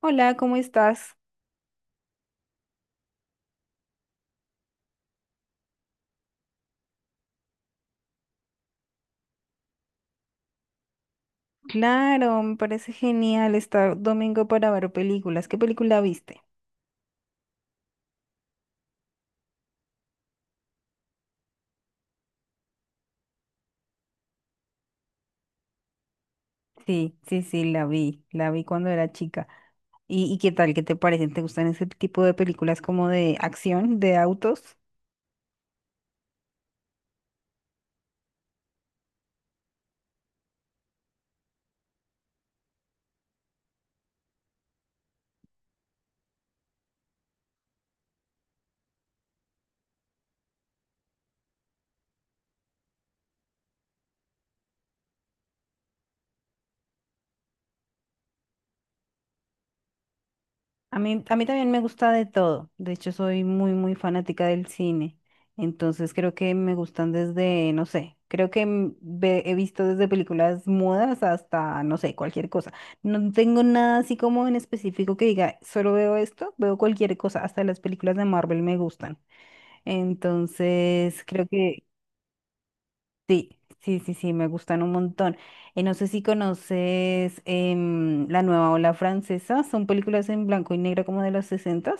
Hola, ¿cómo estás? Claro, me parece genial estar domingo para ver películas. ¿Qué película viste? Sí, sí, sí, la vi cuando era chica. ¿Y qué tal? ¿Qué te parecen? ¿Te gustan ese tipo de películas como de acción, de autos? A mí también me gusta de todo. De hecho, soy muy, muy fanática del cine. Entonces, creo que me gustan desde, no sé, creo que he visto desde películas mudas hasta, no sé, cualquier cosa. No tengo nada así como en específico que diga, solo veo esto, veo cualquier cosa. Hasta las películas de Marvel me gustan. Entonces, creo que sí, sí, sí, sí, me gustan un montón. No sé si conoces La Nueva Ola Francesa. Son películas en blanco y negro como de los 60.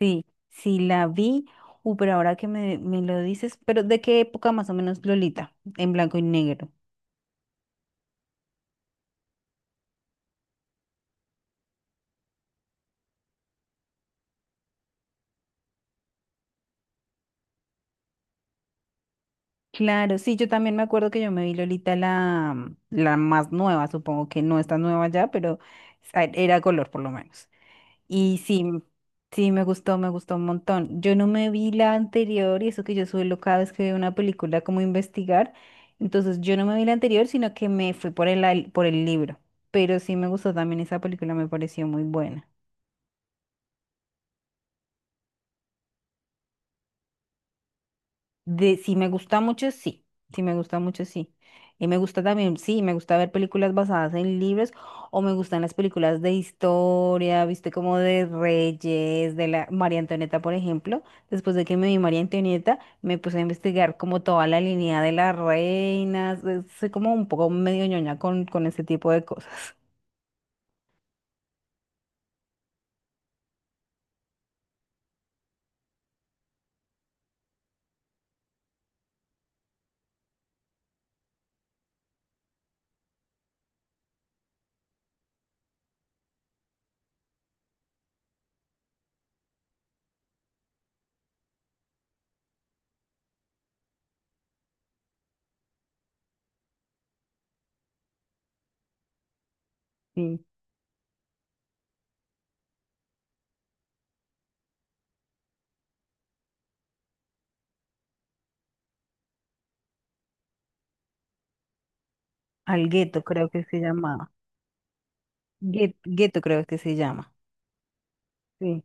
Sí, sí la vi. Pero ahora que me lo dices, pero ¿de qué época más o menos Lolita? En blanco y negro. Claro, sí, yo también me acuerdo que yo me vi Lolita la más nueva, supongo que no está nueva ya, pero era color por lo menos. Y sí, sí, me gustó un montón. Yo no me vi la anterior y eso que yo suelo cada vez que veo una película como investigar, entonces yo no me vi la anterior, sino que me fui por por el libro, pero sí me gustó también esa película, me pareció muy buena. Si me gusta mucho, sí. Si me gusta mucho, sí. Y me gusta también, sí, me gusta ver películas basadas en libros o me gustan las películas de historia, viste, como de Reyes, de la María Antonieta, por ejemplo. Después de que me vi María Antonieta, me puse a investigar como toda la línea de las reinas. Soy como un poco medio ñoña con ese tipo de cosas. Sí. Al gueto creo que se llamaba. Gueto creo que se llama. Sí.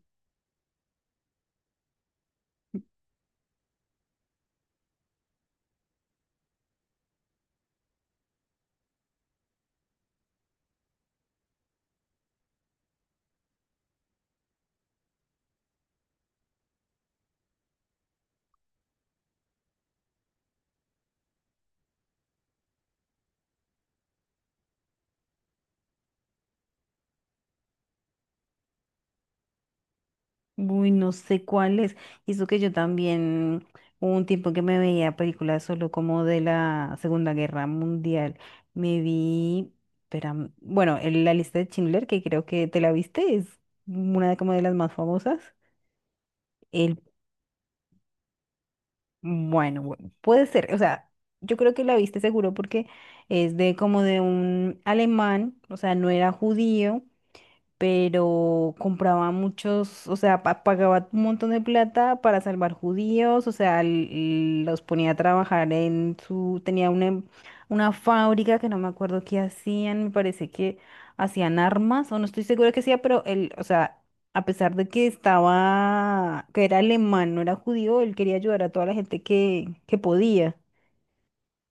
Uy, no sé cuál es. Y eso que yo también, hubo un tiempo que me veía películas solo como de la Segunda Guerra Mundial. Me vi, espera, bueno, La lista de Schindler, que creo que te la viste, es una de como de las más famosas. El, bueno, puede ser, o sea, yo creo que la viste seguro porque es de como de un alemán, o sea, no era judío pero compraba muchos, o sea, pagaba un montón de plata para salvar judíos, o sea, los ponía a trabajar en su, tenía una, una fábrica que no me acuerdo qué hacían, me parece que hacían armas, o no estoy segura que hacía, pero él, o sea, a pesar de que estaba, que era alemán, no era judío, él quería ayudar a toda la gente que podía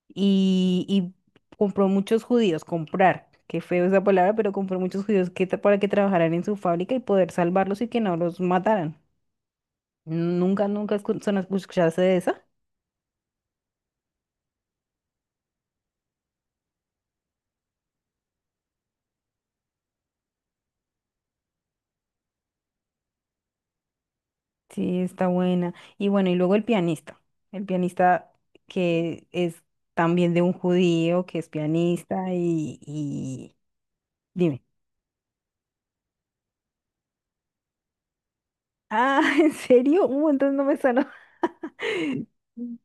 y compró muchos judíos, comprar, qué feo esa palabra, pero compró muchos judíos que, para que trabajaran en su fábrica y poder salvarlos y que no los mataran. Nunca escuchaste de esa. Sí, está buena. Y bueno, y luego El pianista. El pianista que es también de un judío, que es pianista y... Dime. Ah, ¿en serio? Entonces no me sonó.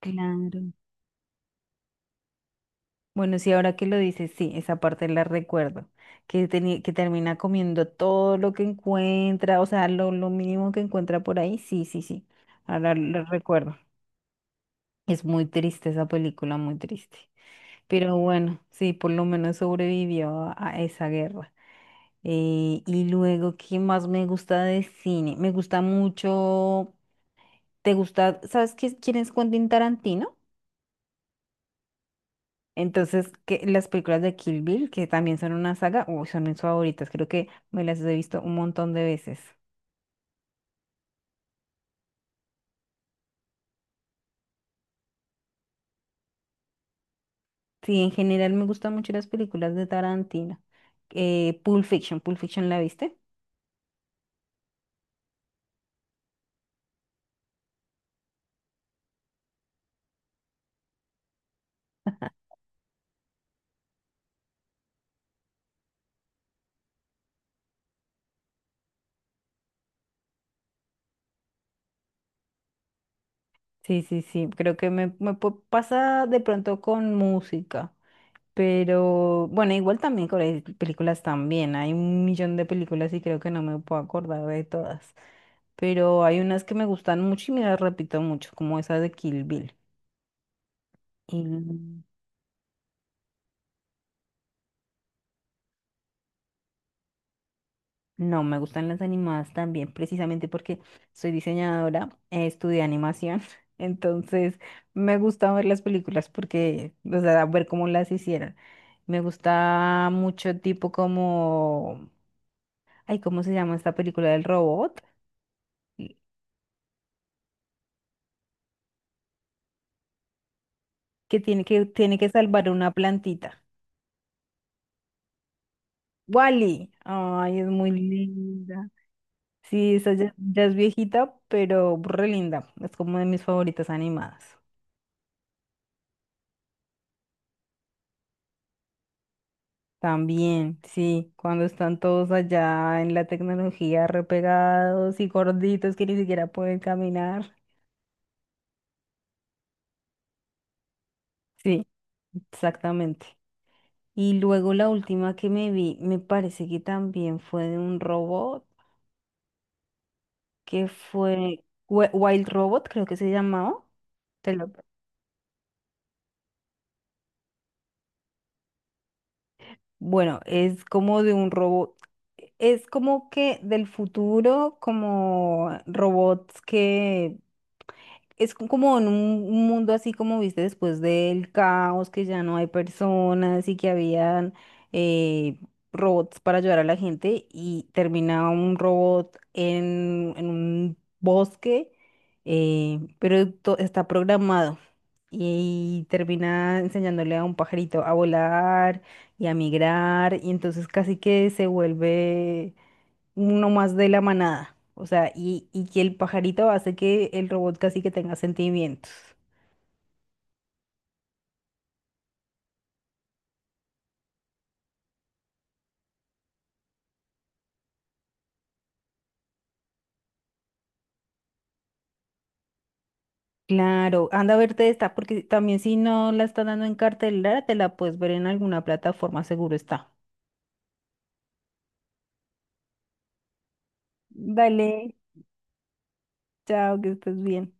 Claro. Bueno, sí, ahora que lo dices, sí, esa parte la recuerdo, que, que termina comiendo todo lo que encuentra, o sea, lo mínimo que encuentra por ahí, sí, sí, sí, ahora lo recuerdo. Es muy triste esa película, muy triste, pero bueno, sí, por lo menos sobrevivió a esa guerra. Y luego, ¿qué más me gusta de cine? Me gusta mucho, ¿te gusta, sabes qué, quién es Quentin Tarantino? Entonces, que las películas de Kill Bill, que también son una saga, uy, son mis favoritas, creo que me las he visto un montón de veces. Sí, en general me gustan mucho las películas de Tarantino. Pulp Fiction, ¿Pulp Fiction la viste? Sí, sí, sí, creo que me pasa de pronto con música, pero bueno, igual también con las películas también, hay un millón de películas y creo que no me puedo acordar de todas, pero hay unas que me gustan mucho y me las repito mucho, como esa de Kill Bill. Y No, me gustan las animadas también, precisamente porque soy diseñadora, estudié animación, entonces me gusta ver las películas porque, o sea, ver cómo las hicieron. Me gusta mucho tipo como, ay, ¿cómo se llama esta película del robot? Y- Que tiene que, tiene que salvar una plantita. Wally, ay, es muy linda. Sí, esa ya, ya es viejita, pero re linda. Es como de mis favoritas animadas. También, sí, cuando están todos allá en la tecnología repegados y gorditos que ni siquiera pueden caminar. Sí, exactamente. Y luego la última que me vi, me parece que también fue de un robot, que fue Wild Robot, creo que se llamaba. Te lo- Bueno, es como de un robot, es como que del futuro, como robots que como en un mundo así como viste después del caos, que ya no hay personas y que habían eh, robots para ayudar a la gente y termina un robot en un bosque, pero está programado y termina enseñándole a un pajarito a volar y a migrar y entonces casi que se vuelve uno más de la manada. O sea, y que el pajarito hace que el robot casi que tenga sentimientos. Claro, anda a verte esta, porque también si no la están dando en cartelera, te la puedes ver en alguna plataforma, seguro está. Dale, chao, que estés bien.